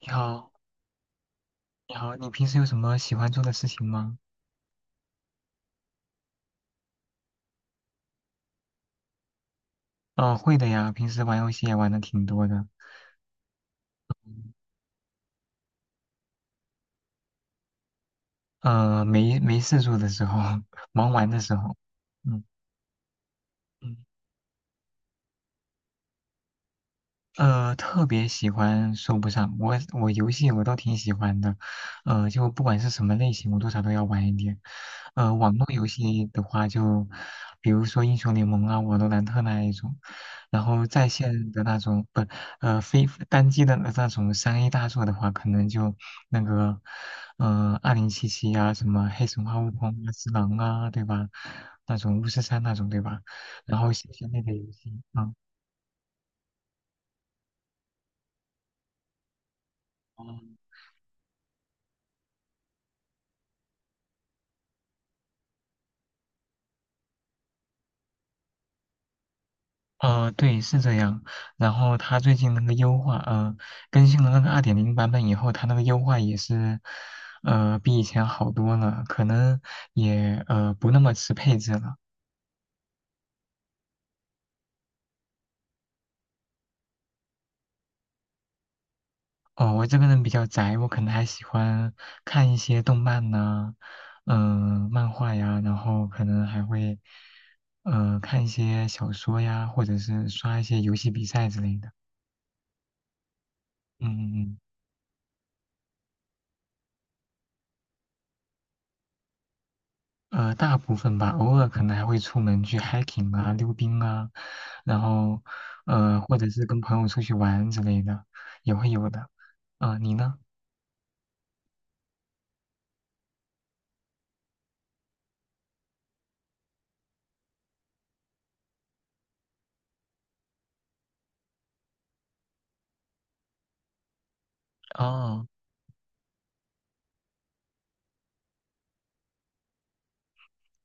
你好，你好，你平时有什么喜欢做的事情吗？嗯、会的呀，平时玩游戏也玩的挺多的。没事做的时候，忙完的时候。嗯嗯。特别喜欢说不上，我游戏我倒挺喜欢的，就不管是什么类型，我多少都要玩一点。网络游戏的话就，比如说英雄联盟啊、瓦罗兰特那一种，然后在线的那种不，非单机的那种3A 大作的话，可能就那个，2077啊，什么黑神话悟空啊、只狼啊，对吧？那种巫师3那种，对吧？然后新鲜类的游戏，啊。哦。对，是这样。然后它最近那个优化，更新了那个2.0版本以后，它那个优化也是，比以前好多了，可能也不那么吃配置了。哦，我这个人比较宅，我可能还喜欢看一些动漫呐、漫画呀，然后可能还会，看一些小说呀，或者是刷一些游戏比赛之类的。嗯嗯嗯。大部分吧，偶尔可能还会出门去 hiking 啊、溜冰啊，然后或者是跟朋友出去玩之类的，也会有的。啊、你呢？哦。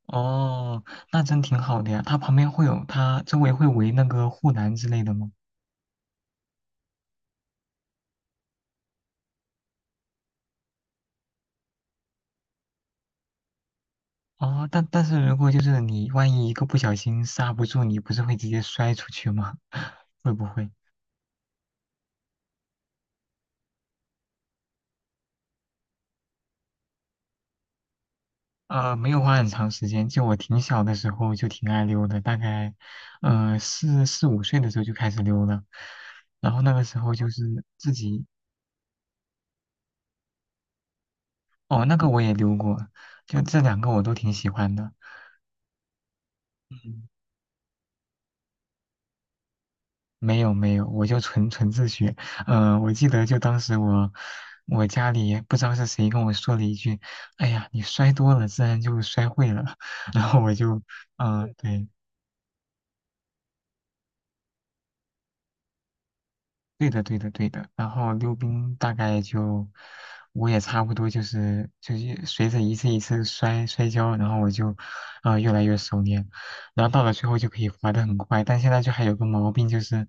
哦，那真挺好的呀。它旁边会有，它周围会围那个护栏之类的吗？哦，但是如果就是你万一一个不小心刹不住，你不是会直接摔出去吗？会不会？没有花很长时间，就我挺小的时候就挺爱溜的，大概，四五岁的时候就开始溜了，然后那个时候就是自己。哦，那个我也溜过，就这两个我都挺喜欢的。嗯，没有没有，我就纯纯自学。我记得就当时我家里不知道是谁跟我说了一句：“哎呀，你摔多了，自然就摔会了。”然后我就。嗯、对，对的，对的，对的。然后溜冰大概就，我也差不多就是随着一次一次摔摔跤，然后我就，越来越熟练，然后到了最后就可以滑得很快。但现在就还有个毛病就是，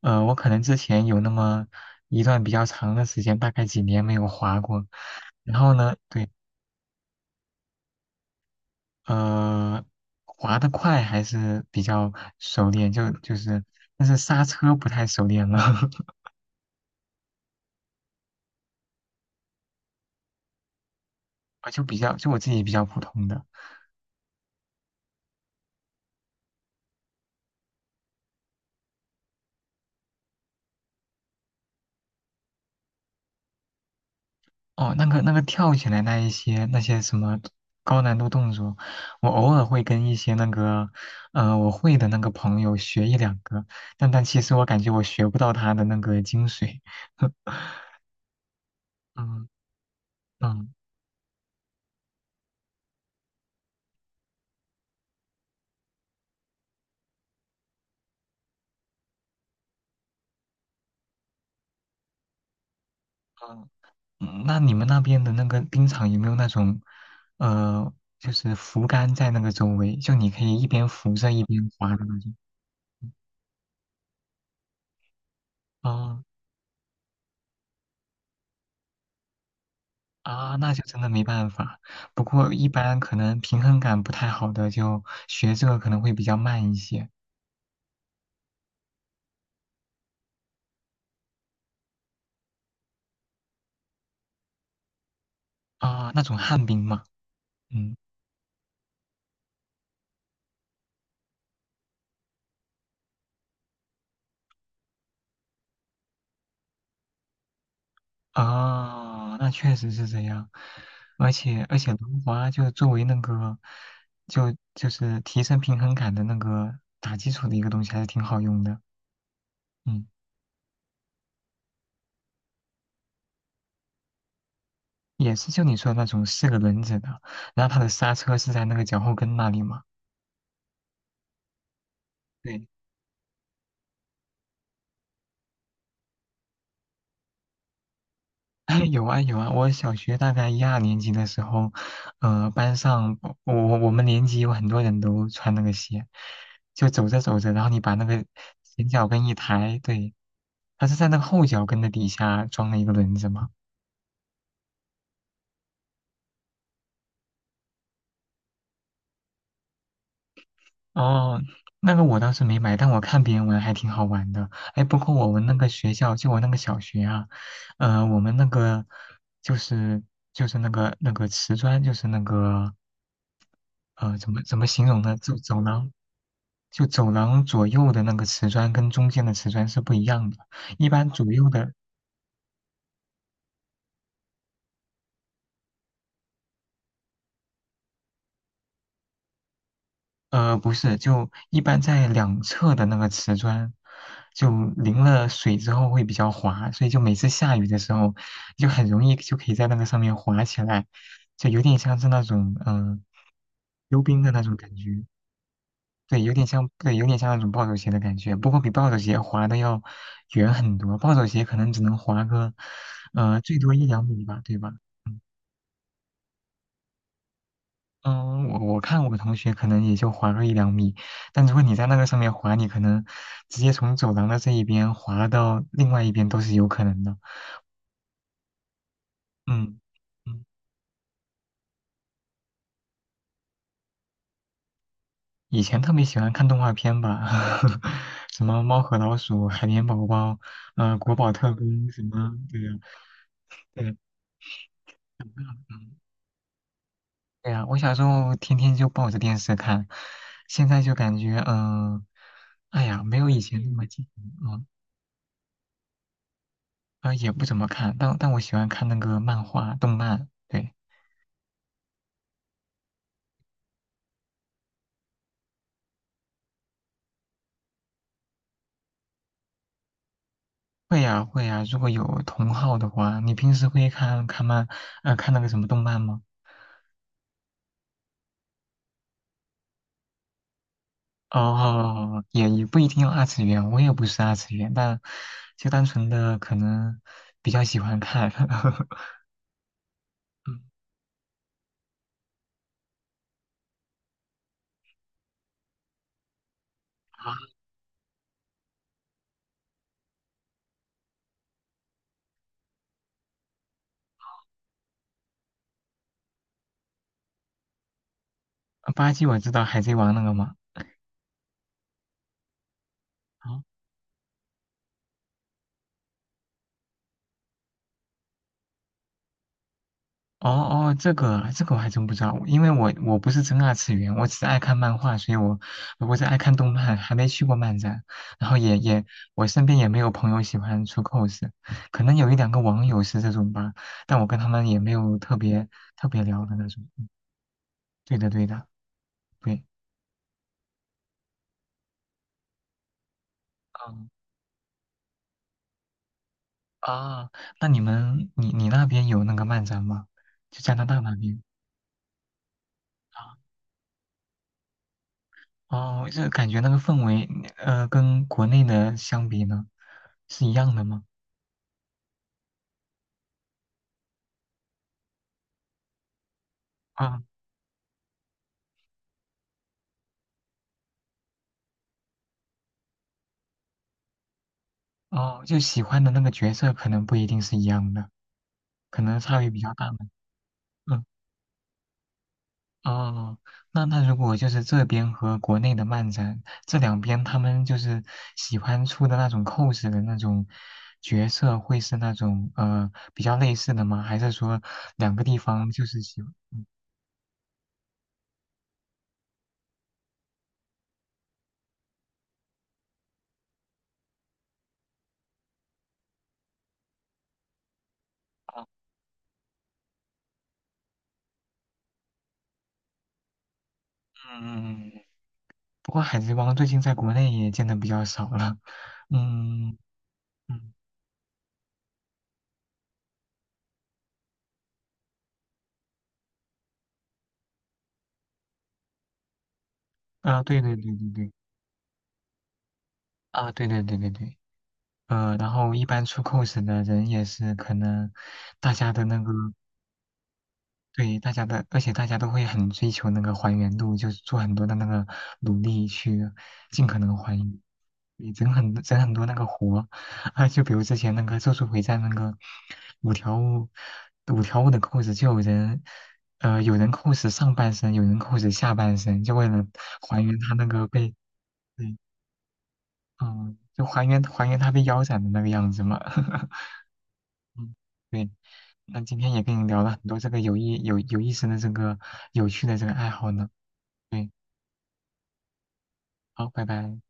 我可能之前有那么一段比较长的时间，大概几年没有滑过，然后呢，对。呃，滑得快还是比较熟练，就是，但是刹车不太熟练了。我就比较就我自己比较普通的。哦，那个跳起来那一些那些什么高难度动作，我偶尔会跟一些那个，我会的那个朋友学一两个，但其实我感觉我学不到他的那个精髓。嗯嗯。嗯，那你们那边的那个冰场有没有那种，呃，就是扶杆在那个周围，就你可以一边扶着一边滑的那种？嗯。哦。啊，那就真的没办法。不过一般可能平衡感不太好的，就学这个可能会比较慢一些。啊。那种旱冰嘛。嗯。啊，那确实是这样。而且轮滑就作为那个，就是提升平衡感的那个打基础的一个东西，还是挺好用的。嗯。也是就你说的那种四个轮子的，然后它的刹车是在那个脚后跟那里嘛。对。哎，有啊有啊，我小学大概一二年级的时候，班上我们年级有很多人都穿那个鞋，就走着走着，然后你把那个前脚跟一抬，对，它是在那个后脚跟的底下装了一个轮子嘛。哦，那个我倒是没买，但我看别人玩还挺好玩的。哎，包括我们那个学校，就我那个小学啊，我们那个就是那个瓷砖，就是那个怎么形容呢？走廊。就走廊左右的那个瓷砖跟中间的瓷砖是不一样的。一般左右的，不是，就一般在两侧的那个瓷砖，就淋了水之后会比较滑，所以就每次下雨的时候，就很容易就可以在那个上面滑起来，就有点像是那种溜冰的那种感觉。对，有点像，对，有点像那种暴走鞋的感觉，不过比暴走鞋滑的要远很多。暴走鞋可能只能滑个，最多一两米吧，对吧？嗯。嗯，我看我同学可能也就滑个一两米，但如果你在那个上面滑，你可能直接从走廊的这一边滑到另外一边都是有可能的。嗯。嗯，以前特别喜欢看动画片吧，什么《猫和老鼠》《海绵宝宝》《国宝特工》什么，对呀、对呀、嗯，对呀、我小时候天天就抱着电视看，现在就感觉哎呀，没有以前那么近。嗯。啊，也不怎么看，但我喜欢看那个漫画、动漫。对，会呀、会呀、如果有同好的话，你平时会看看漫，看那个什么动漫吗？哦，也不一定要二次元，我也不是二次元，但就单纯的可能比较喜欢看。嗯。啊，巴基我知道《海贼王》那个嘛。哦哦，这个我还真不知道，因为我不是真二次元，我只是爱看漫画，所以我我是爱看动漫，还没去过漫展，然后我身边也没有朋友喜欢出 cos，可能有一两个网友是这种吧，但我跟他们也没有特别聊的那种。对的对的，对。嗯。啊，那你们你你那边有那个漫展吗？就加拿大那边。啊？哦，这感觉那个氛围跟国内的相比呢，是一样的吗？啊。哦，就喜欢的那个角色可能不一定是一样的，可能差别比较大嘛。嗯。哦，那如果就是这边和国内的漫展这两边，他们就是喜欢出的那种 cos 的那种角色，会是那种比较类似的吗？还是说两个地方就是喜欢？哦。嗯，不过海贼王最近在国内也见的比较少了。嗯。嗯，啊，对对对对对。啊，对对对对对。然后一般出 cos 的人也是可能大家的那个对大家的，而且大家都会很追求那个还原度，就是做很多的那个努力去尽可能还原，你整很多那个活啊，就比如之前那个《咒术回战》那个五条悟五条悟的 cos 就有人。有人 cos 上半身，有人 cos 下半身，就为了还原他那个被。对。嗯，就还原他被腰斩的那个样子嘛。嗯，对，那今天也跟你聊了很多这个有意思的这个有趣的这个爱好呢。对，好，拜拜。